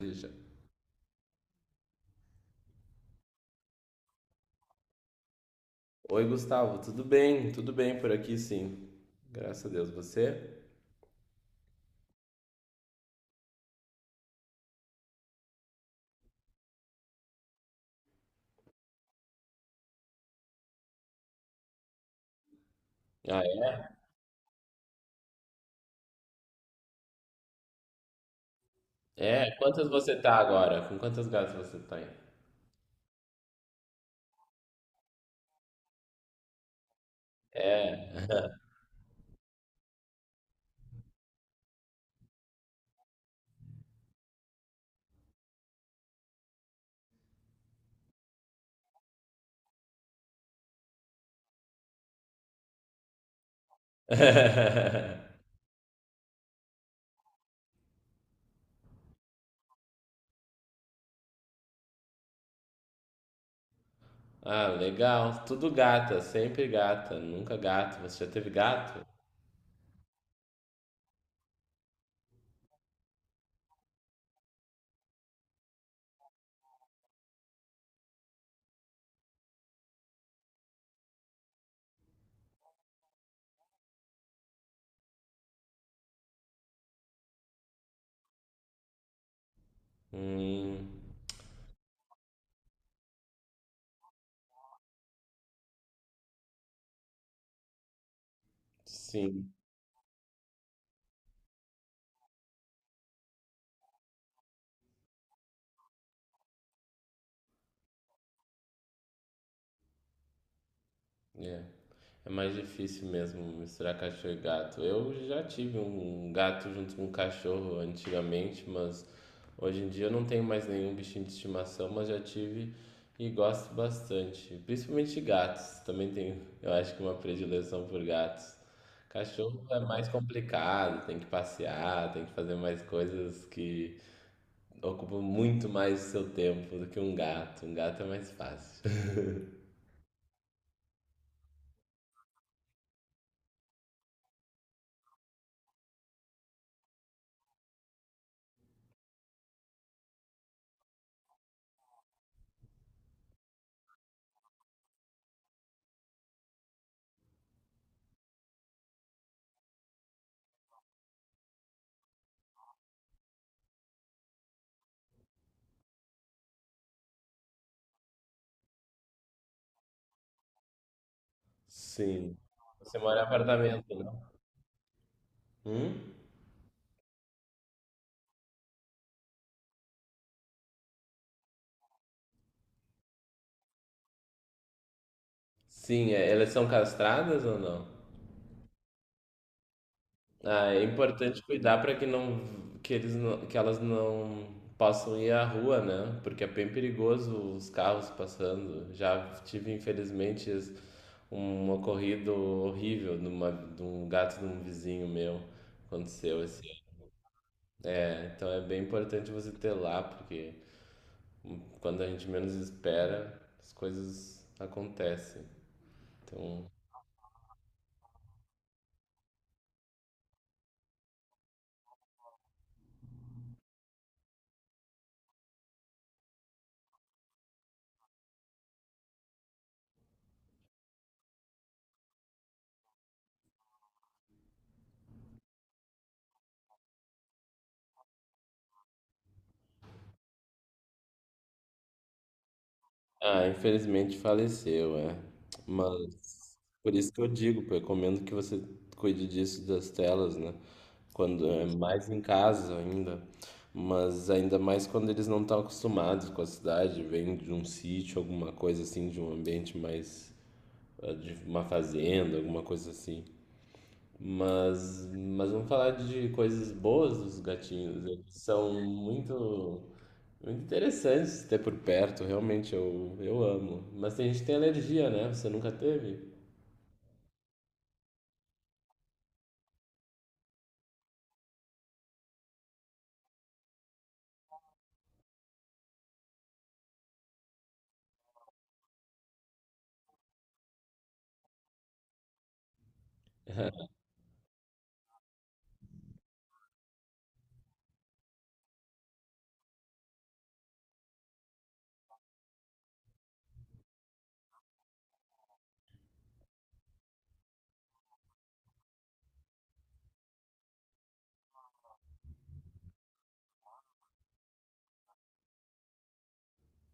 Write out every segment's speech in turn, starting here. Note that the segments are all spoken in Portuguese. Deixa. Oi, Gustavo, tudo bem? Tudo bem por aqui, sim. Graças a Deus, você? Ah, é? É, quantas você tá agora? Com quantas gatas você tem? É. Ah, legal. Tudo gata, sempre gata, nunca gato. Você já teve gato? Hum, sim. É. É mais difícil mesmo misturar cachorro e gato. Eu já tive um gato junto com um cachorro antigamente, mas hoje em dia eu não tenho mais nenhum bichinho de estimação, mas já tive e gosto bastante. Principalmente gatos. Também tenho, eu acho que uma predileção por gatos. Cachorro é mais complicado, tem que passear, tem que fazer mais coisas que ocupam muito mais o seu tempo do que um gato. Um gato é mais fácil. Sim. Você mora em apartamento, né? Hum? Sim, é, elas são castradas ou não? Ah, é importante cuidar para que não que elas não possam ir à rua, né? Porque é bem perigoso os carros passando. Já tive, infelizmente, um ocorrido horrível de, uma, de um gato de um vizinho meu. Aconteceu esse. É, então é bem importante você ter lá, porque quando a gente menos espera, as coisas acontecem. Então ah, infelizmente faleceu, é. Mas por isso que eu digo, pô, eu recomendo que você cuide disso das telas, né? Quando é mais em casa ainda, mas ainda mais quando eles não estão acostumados com a cidade, vêm de um sítio, alguma coisa assim, de um ambiente mais ah, de uma fazenda, alguma coisa assim. Mas vamos falar de coisas boas dos gatinhos. Eles são muito interessante ter por perto, realmente eu amo. Mas tem gente que tem alergia, né? Você nunca teve?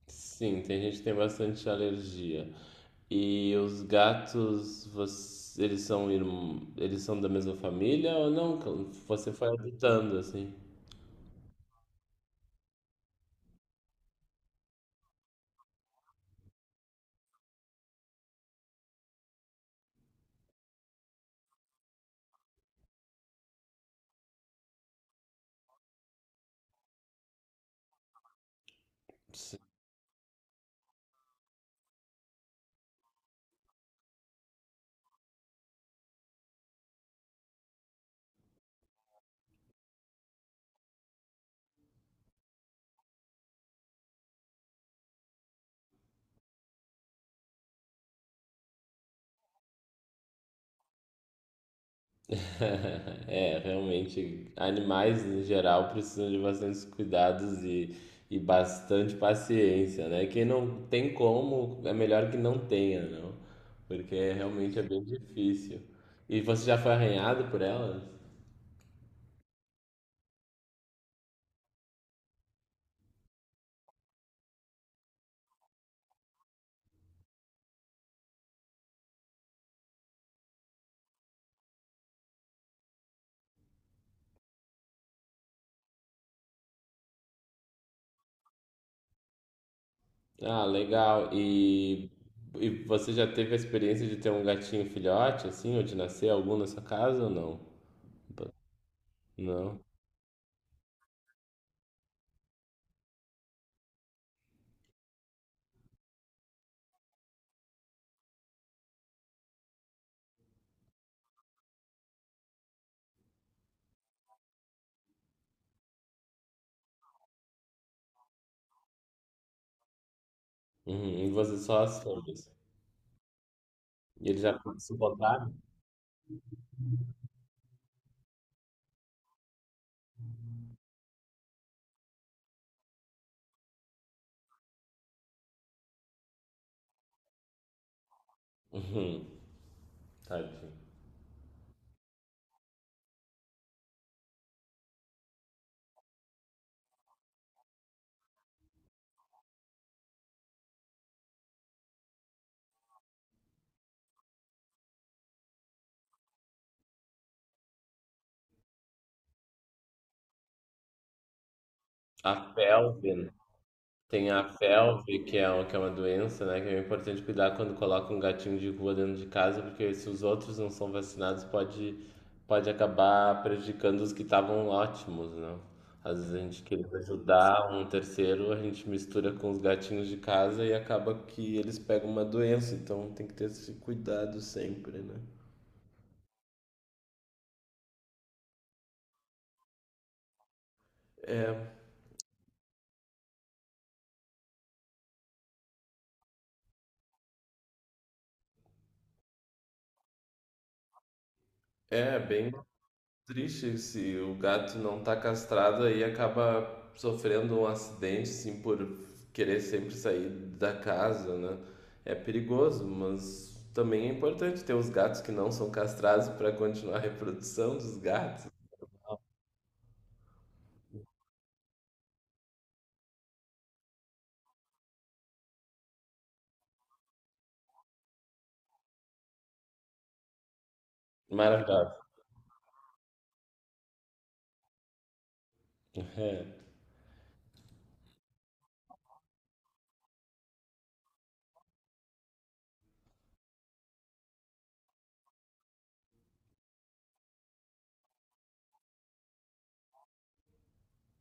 Sim, tem gente que tem bastante alergia. E os gatos, eles são eles são da mesma família ou não? Você foi adotando assim? É, realmente, animais em geral precisam de bastantes cuidados e bastante paciência, né? Quem não tem como, é melhor que não tenha, não? Porque realmente é bem difícil. E você já foi arranhado por elas? Ah, legal. E você já teve a experiência de ter um gatinho filhote, assim, ou de nascer algum na sua casa ou não? Não. Uhum. E você só as fêmeas. E eles já suportaram? Uhum. Tadinho. A felve, tem a felve, que é, que é uma doença, né? Que é importante cuidar quando coloca um gatinho de rua dentro de casa, porque se os outros não são vacinados, pode acabar prejudicando os que estavam ótimos, né? Às vezes a gente querendo ajudar um terceiro, a gente mistura com os gatinhos de casa e acaba que eles pegam uma doença, então tem que ter esse cuidado sempre, né? É, é bem triste se o gato não tá castrado aí acaba sofrendo um acidente, assim, por querer sempre sair da casa, né? É perigoso, mas também é importante ter os gatos que não são castrados para continuar a reprodução dos gatos. Maravilhoso. É,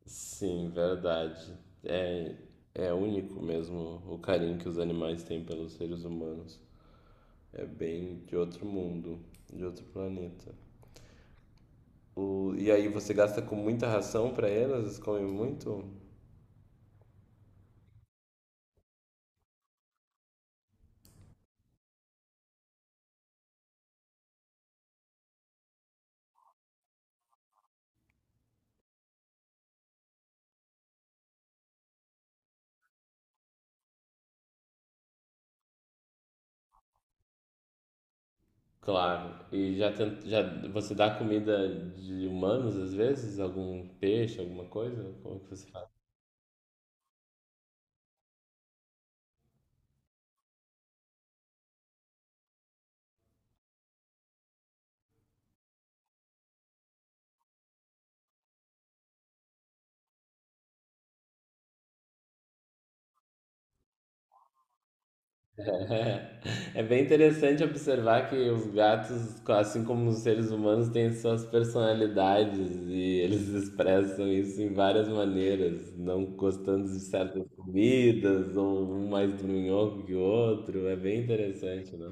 sim, verdade. É, é único mesmo o carinho que os animais têm pelos seres humanos. É bem de outro mundo, de outro planeta. O, e aí você gasta com muita ração para elas? Elas comem muito? Claro. E já você dá comida de humanos às vezes? Algum peixe, alguma coisa? Como é que você faz? É, é bem interessante observar que os gatos, assim como os seres humanos, têm suas personalidades e eles expressam isso em várias maneiras, não gostando de certas comidas, ou um mais dorminhoco que o outro. É bem interessante, né?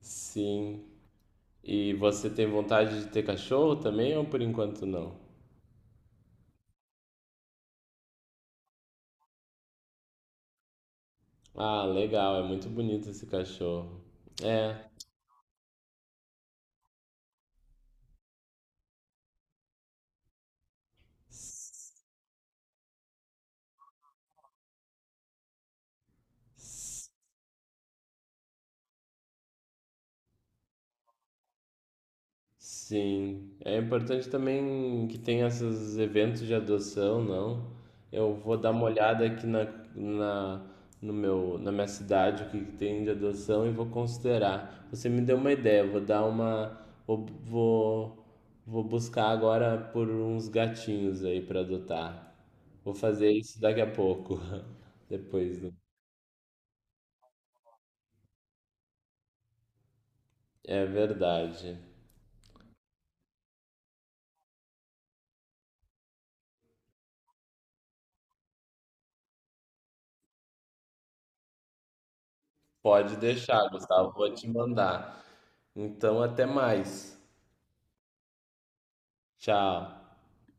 Sim. E você tem vontade de ter cachorro também ou por enquanto não? Ah, legal, é muito bonito esse cachorro. É. Sim, é importante também que tenha esses eventos de adoção, não? Eu vou dar uma olhada na, no meu, na minha cidade, o que que tem de adoção e vou considerar. Você me deu uma ideia, vou dar uma, vou, vou, vou buscar agora por uns gatinhos aí para adotar. Vou fazer isso daqui a pouco, depois do... É verdade. Pode deixar, Gustavo, vou te mandar. Então, até mais. Tchau.